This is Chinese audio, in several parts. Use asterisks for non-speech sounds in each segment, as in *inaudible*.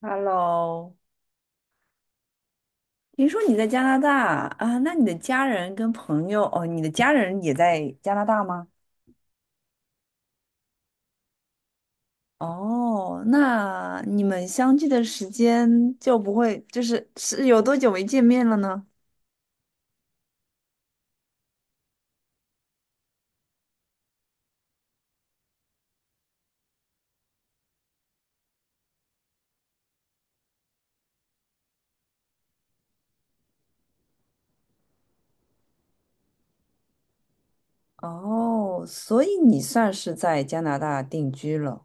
Hello，听说你在加拿大啊？那你的家人跟朋友哦，你的家人也在加拿大吗？哦，那你们相聚的时间就不会，就是有多久没见面了呢？哦，所以你算是在加拿大定居了。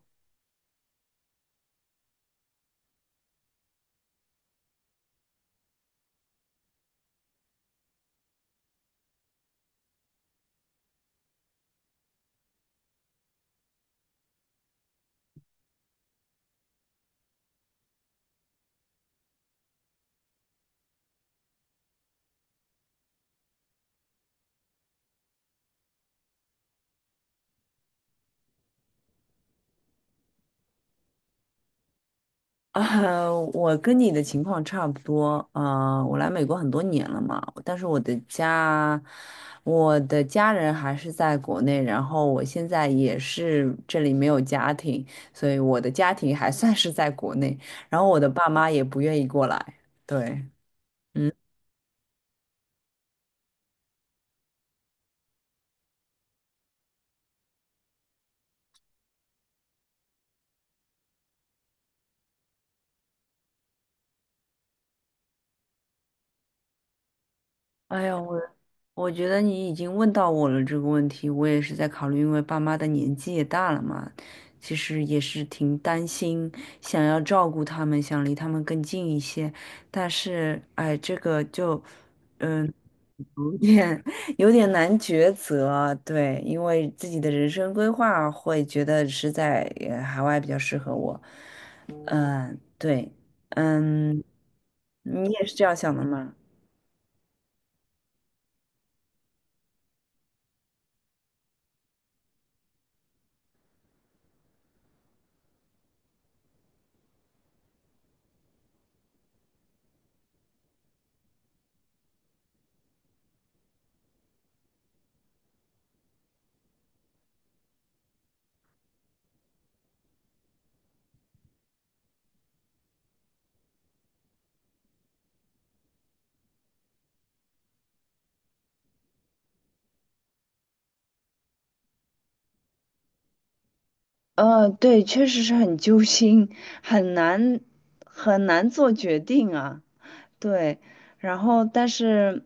啊，我跟你的情况差不多。啊，我来美国很多年了嘛，但是我的家，我的家人还是在国内，然后我现在也是这里没有家庭，所以我的家庭还算是在国内，然后我的爸妈也不愿意过来。对，嗯。哎呀，我觉得你已经问到我了这个问题，我也是在考虑，因为爸妈的年纪也大了嘛，其实也是挺担心，想要照顾他们，想离他们更近一些，但是哎，这个就嗯有点 *laughs* 有点难抉择，对，因为自己的人生规划会觉得是在海外比较适合我，嗯，对，嗯，你也是这样想的吗？对，确实是很揪心，很难很难做决定啊。对，然后但是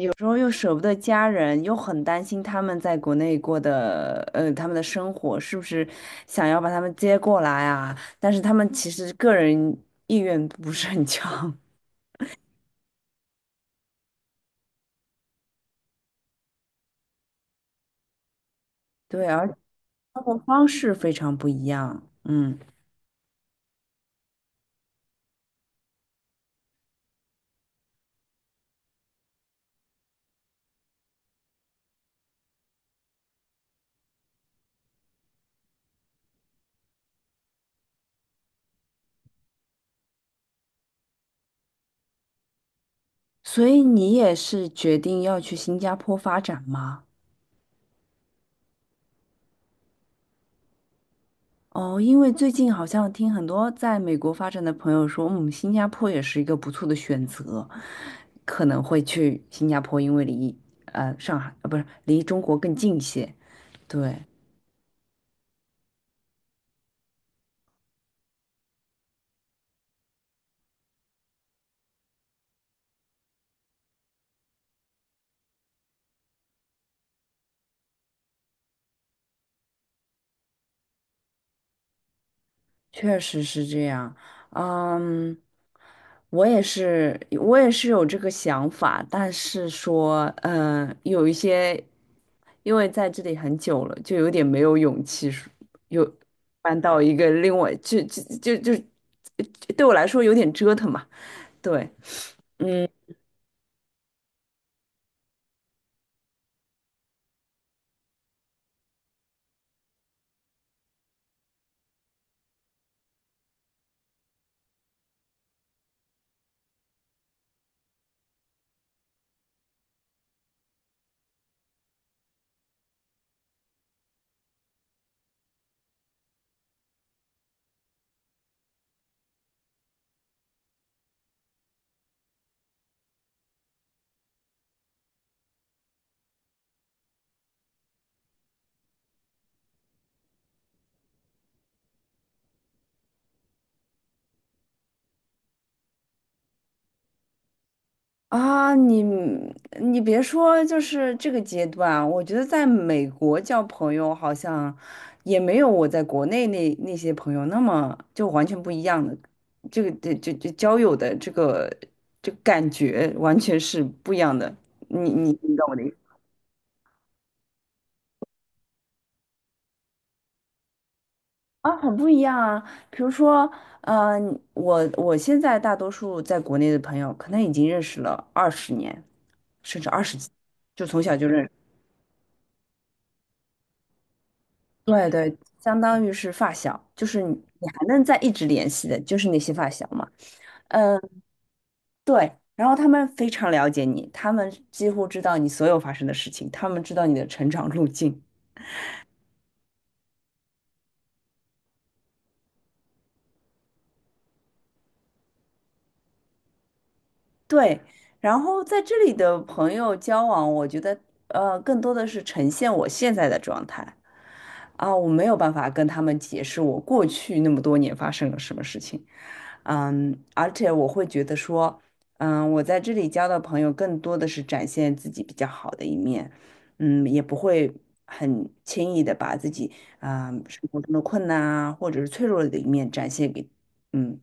有时候又舍不得家人，又很担心他们在国内过的，他们的生活是不是想要把他们接过来啊？但是他们其实个人意愿不是很强，*laughs* 对，而生活方式非常不一样，嗯，所以你也是决定要去新加坡发展吗？哦，因为最近好像听很多在美国发展的朋友说，嗯，新加坡也是一个不错的选择，可能会去新加坡，因为离上海不是离中国更近一些。对，确实是这样，嗯，我也是，我也是有这个想法，但是说，嗯，有一些，因为在这里很久了，就有点没有勇气说，有搬到一个另外，就，对我来说有点折腾嘛，对，嗯。啊，你别说，就是这个阶段，我觉得在美国交朋友好像也没有我在国内那些朋友那么就完全不一样的，这个这交友的这个感觉完全是不一样的。你懂我的意思啊，很不一样啊。比如说，呃，我现在大多数在国内的朋友，可能已经认识了二十年，甚至二十几，就从小就认识。对对，相当于是发小，就是你还能在一直联系的，就是那些发小嘛。嗯，对。然后他们非常了解你，他们几乎知道你所有发生的事情，他们知道你的成长路径。对。然后在这里的朋友交往，我觉得更多的是呈现我现在的状态啊，我没有办法跟他们解释我过去那么多年发生了什么事情。嗯，而且我会觉得说，嗯，我在这里交的朋友更多的是展现自己比较好的一面，嗯，也不会很轻易的把自己啊，生活中的困难啊，或者是脆弱的一面展现给，嗯，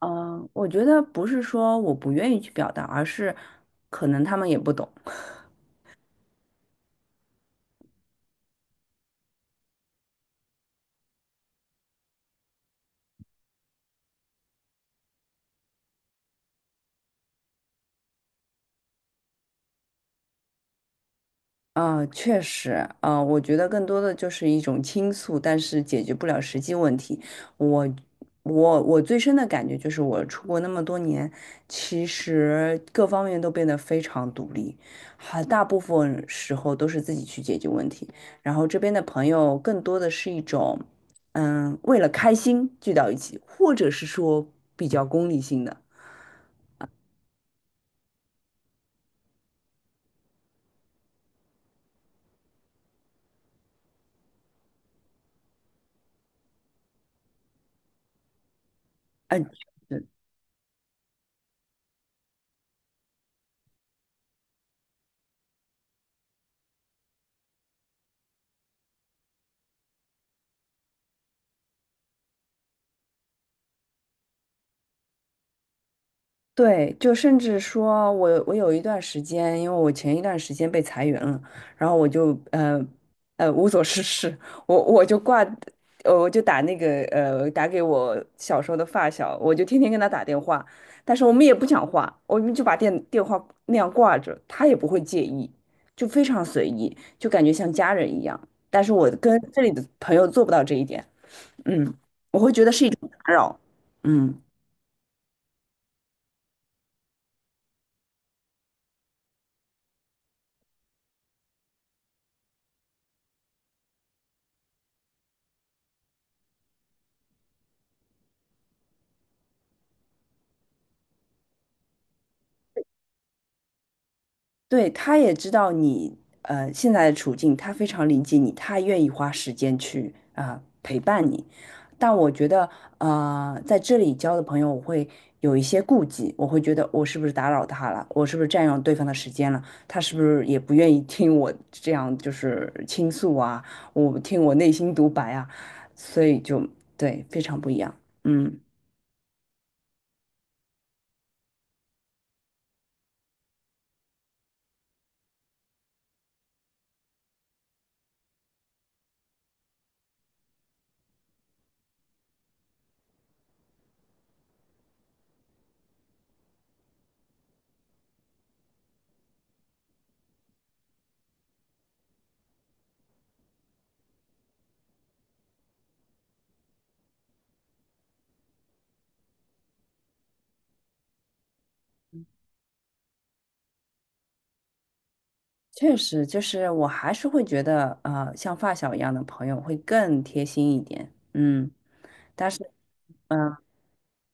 我觉得不是说我不愿意去表达，而是可能他们也不懂，啊，确实，啊，我觉得更多的就是一种倾诉，但是解决不了实际问题。我，我最深的感觉就是，我出国那么多年，其实各方面都变得非常独立，很大部分时候都是自己去解决问题。然后这边的朋友更多的是一种，嗯，为了开心聚到一起，或者是说比较功利性的，嗯。对，就甚至说我有一段时间，因为我前一段时间被裁员了，然后我就无所事事，我就挂，我就打那个打给我小时候的发小，我就天天跟他打电话，但是我们也不讲话，我们就把电话那样挂着，他也不会介意，就非常随意，就感觉像家人一样。但是我跟这里的朋友做不到这一点，嗯，我会觉得是一种打扰，嗯对，他也知道你现在的处境，他非常理解你，他愿意花时间去啊、陪伴你。但我觉得在这里交的朋友，我会有一些顾忌，我会觉得我是不是打扰他了，我是不是占用对方的时间了，他是不是也不愿意听我这样就是倾诉啊，我听我内心独白啊，所以就对非常不一样，嗯。确实，就是我还是会觉得，像发小一样的朋友会更贴心一点，嗯，但是，嗯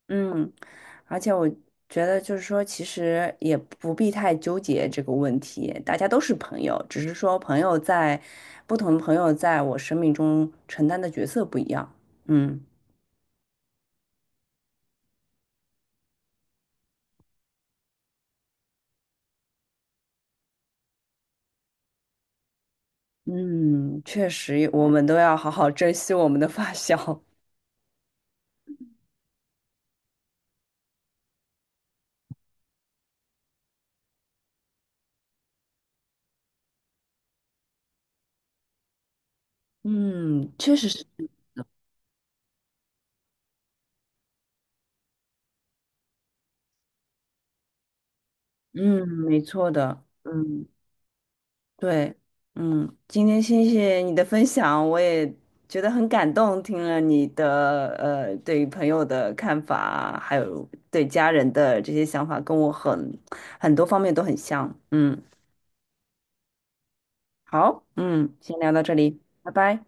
嗯，而且我觉得就是说，其实也不必太纠结这个问题，大家都是朋友，只是说朋友在不同的朋友在我生命中承担的角色不一样，嗯嗯，确实，我们都要好好珍惜我们的发小，*laughs* 嗯，确实是，嗯，没错的，嗯。对，嗯，今天谢谢你的分享，我也觉得很感动，听了你的对于朋友的看法，还有对家人的这些想法，跟我很很多方面都很像。嗯，好，嗯，先聊到这里，拜拜。